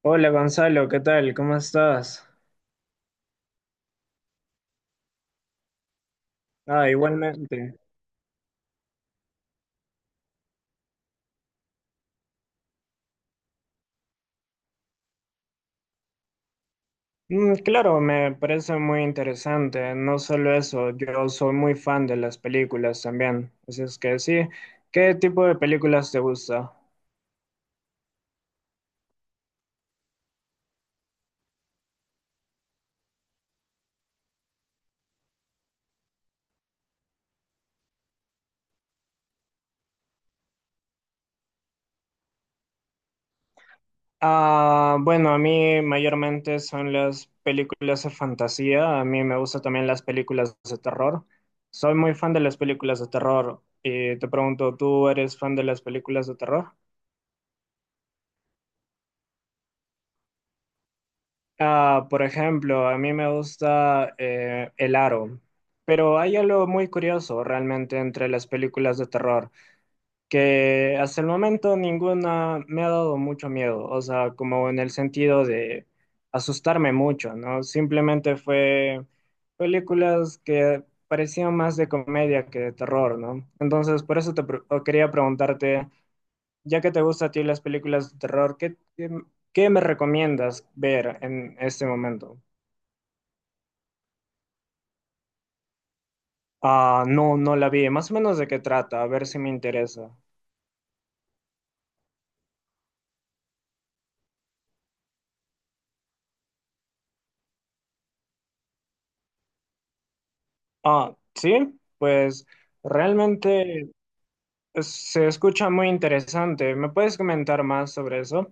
Hola Gonzalo, ¿qué tal? ¿Cómo estás? Ah, igualmente. Mm, claro, me parece muy interesante. No solo eso, yo soy muy fan de las películas también. Así es que sí, ¿qué tipo de películas te gusta? Ah, bueno, a mí mayormente son las películas de fantasía. A mí me gustan también las películas de terror. Soy muy fan de las películas de terror. Y te pregunto, ¿tú eres fan de las películas de terror? Ah, por ejemplo, a mí me gusta El Aro, pero hay algo muy curioso realmente entre las películas de terror, que hasta el momento ninguna me ha dado mucho miedo, o sea, como en el sentido de asustarme mucho, ¿no? Simplemente fue películas que parecían más de comedia que de terror, ¿no? Entonces, por eso o quería preguntarte, ya que te gustan a ti las películas de terror, ¿ qué me recomiendas ver en este momento? Ah, no, no la vi. Más o menos de qué trata, a ver si me interesa. Ah, sí, pues realmente se escucha muy interesante. ¿Me puedes comentar más sobre eso?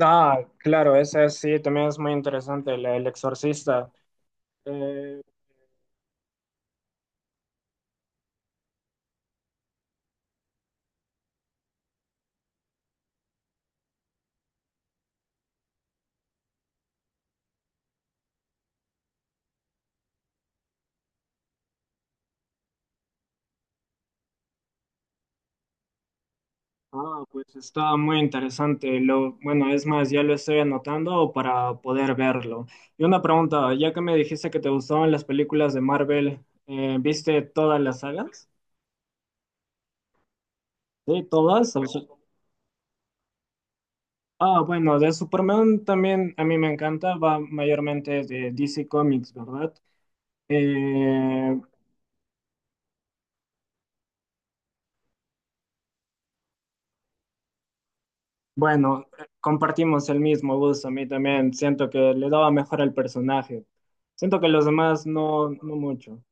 Ah, claro, esa sí, también es muy interesante, El Exorcista. Eh, ah, pues está muy interesante. Lo, bueno, es más, ya lo estoy anotando para poder verlo. Y una pregunta, ya que me dijiste que te gustaban las películas de Marvel, ¿viste todas las sagas? Sí, todas. Ah, bueno, de Superman también a mí me encanta, va mayormente de DC Comics, ¿verdad? Eh, bueno, compartimos el mismo gusto, a mí también siento que le daba mejor al personaje. Siento que los demás no, no mucho.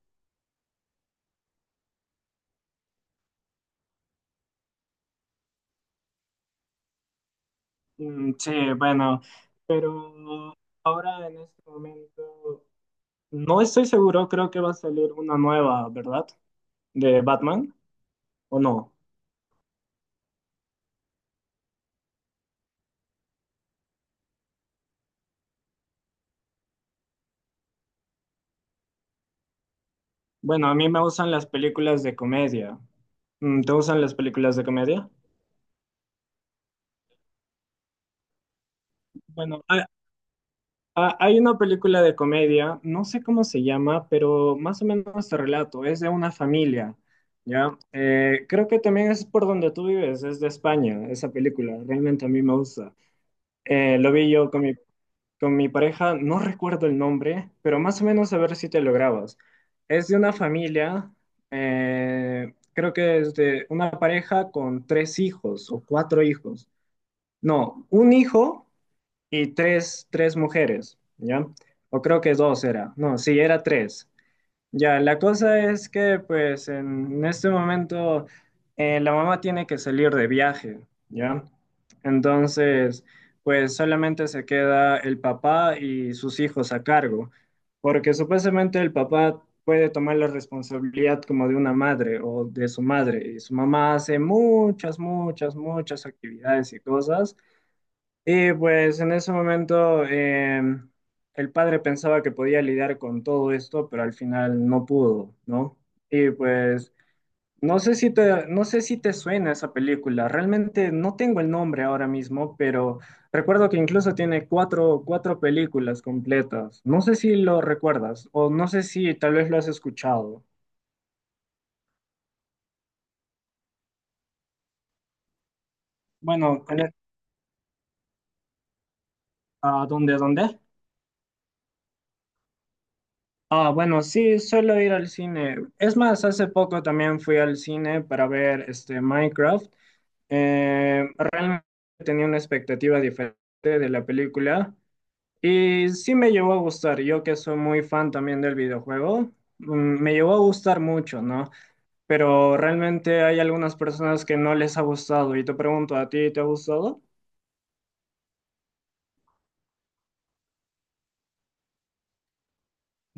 Mm, sí, bueno, pero ahora en este momento no estoy seguro, creo que va a salir una nueva, ¿verdad? De Batman, ¿o no? Bueno, a mí me gustan las películas de comedia. Mm, ¿te gustan las películas de comedia? Bueno, hay una película de comedia, no sé cómo se llama, pero más o menos te relato, es de una familia, ¿ya? Creo que también es por donde tú vives, es de España, esa película, realmente a mí me gusta. Lo vi yo con con mi pareja, no recuerdo el nombre, pero más o menos a ver si te lo grabas. Es de una familia, creo que es de una pareja con tres hijos o cuatro hijos. No, un hijo y tres mujeres, ¿ya? O creo que dos era, no, sí, era tres. Ya, la cosa es que pues en este momento la mamá tiene que salir de viaje, ¿ya? Entonces, pues solamente se queda el papá y sus hijos a cargo, porque supuestamente el papá puede tomar la responsabilidad como de una madre o de su madre, y su mamá hace muchas, muchas, muchas actividades y cosas y pues en ese momento el padre pensaba que podía lidiar con todo esto, pero al final no pudo, ¿no? Y pues no sé si te, no sé si te suena esa película, realmente no tengo el nombre ahora mismo, pero recuerdo que incluso tiene cuatro películas completas. No sé si lo recuerdas o no sé si tal vez lo has escuchado. Bueno, ¿a dónde, a dónde? Ah, bueno, sí, suelo ir al cine. Es más, hace poco también fui al cine para ver este Minecraft. Realmente tenía una expectativa diferente de la película y sí me llevó a gustar. Yo que soy muy fan también del videojuego, mm, me llevó a gustar mucho, ¿no? Pero realmente hay algunas personas que no les ha gustado y te pregunto, ¿a ti te ha gustado?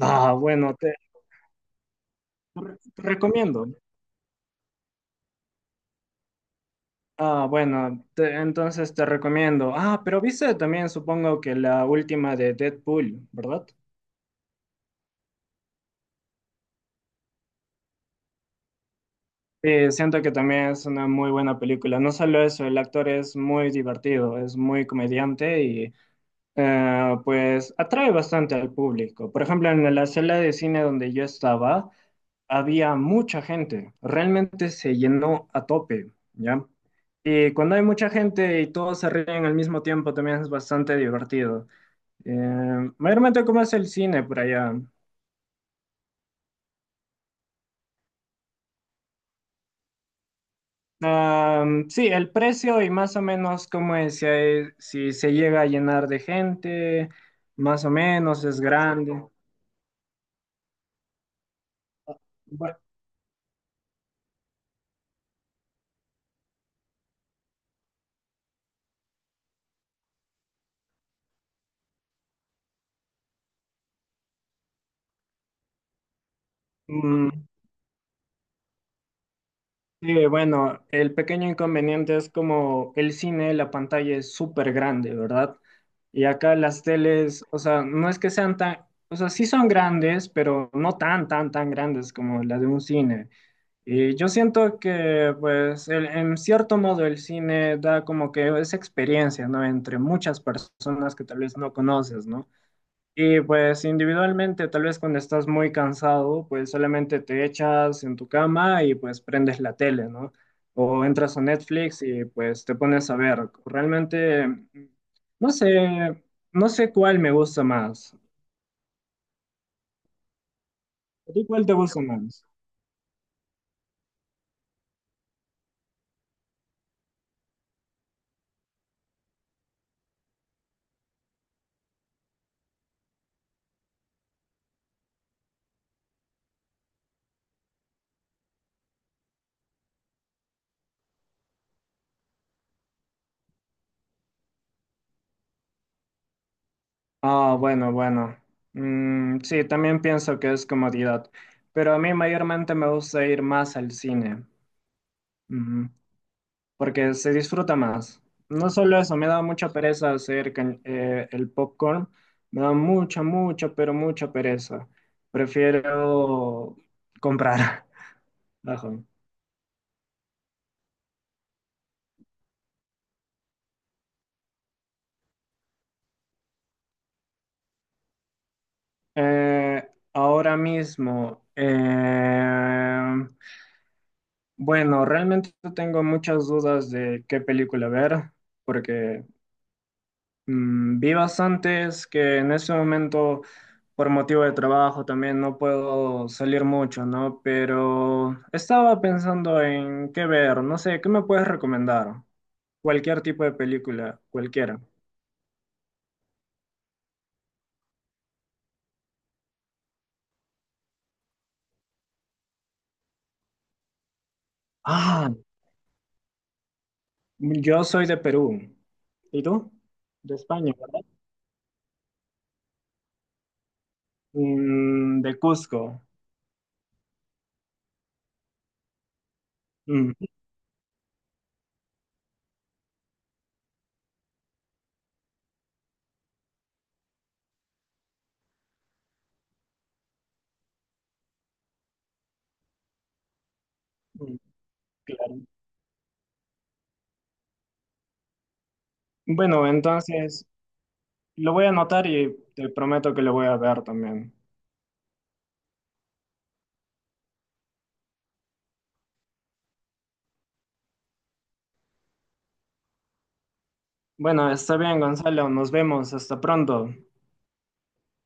Ah, bueno, te recomiendo. Ah, bueno, entonces te recomiendo. Ah, pero viste también, supongo que la última de Deadpool, ¿verdad? Sí, siento que también es una muy buena película. No solo eso, el actor es muy divertido, es muy comediante y pues atrae bastante al público. Por ejemplo, en la sala de cine donde yo estaba, había mucha gente. Realmente se llenó a tope, ¿ya? Y cuando hay mucha gente y todos se ríen al mismo tiempo, también es bastante divertido. Mayormente, ¿cómo es el cine por allá? Am, sí, el precio y más o menos cómo es, si se llega a llenar de gente, más o menos es grande. Bu- mm, sí, bueno, el pequeño inconveniente es como el cine, la pantalla es súper grande, ¿verdad? Y acá las teles, o sea, no es que sean tan, o sea, sí son grandes, pero no tan grandes como la de un cine. Y yo siento que, pues, en cierto modo el cine da como que esa experiencia, ¿no? Entre muchas personas que tal vez no conoces, ¿no? Y pues individualmente, tal vez cuando estás muy cansado, pues solamente te echas en tu cama y pues prendes la tele, ¿no? O entras a Netflix y pues te pones a ver. Realmente, no sé, no sé cuál me gusta más. ¿A ti cuál te gusta más? Ah, bueno, bueno. Mm, sí, también pienso que es comodidad, pero a mí mayormente me gusta ir más al cine, ujú, porque se disfruta más. No solo eso, me da mucha pereza hacer el popcorn, me da pero mucha pereza. Prefiero comprar. Ajá. Eh, ahora mismo, bueno, realmente tengo muchas dudas de qué película ver, porque mm, vi bastantes que en ese momento, por motivo de trabajo, también no puedo salir mucho, ¿no? Pero estaba pensando en qué ver, no sé, ¿qué me puedes recomendar? Cualquier tipo de película, cualquiera. Ah, yo soy de Perú. ¿Y tú? De España, ¿verdad? Mm, de Cusco. Mm, claro. Bueno, entonces lo voy a anotar y te prometo que lo voy a ver también. Bueno, está bien, Gonzalo. Nos vemos. Hasta pronto.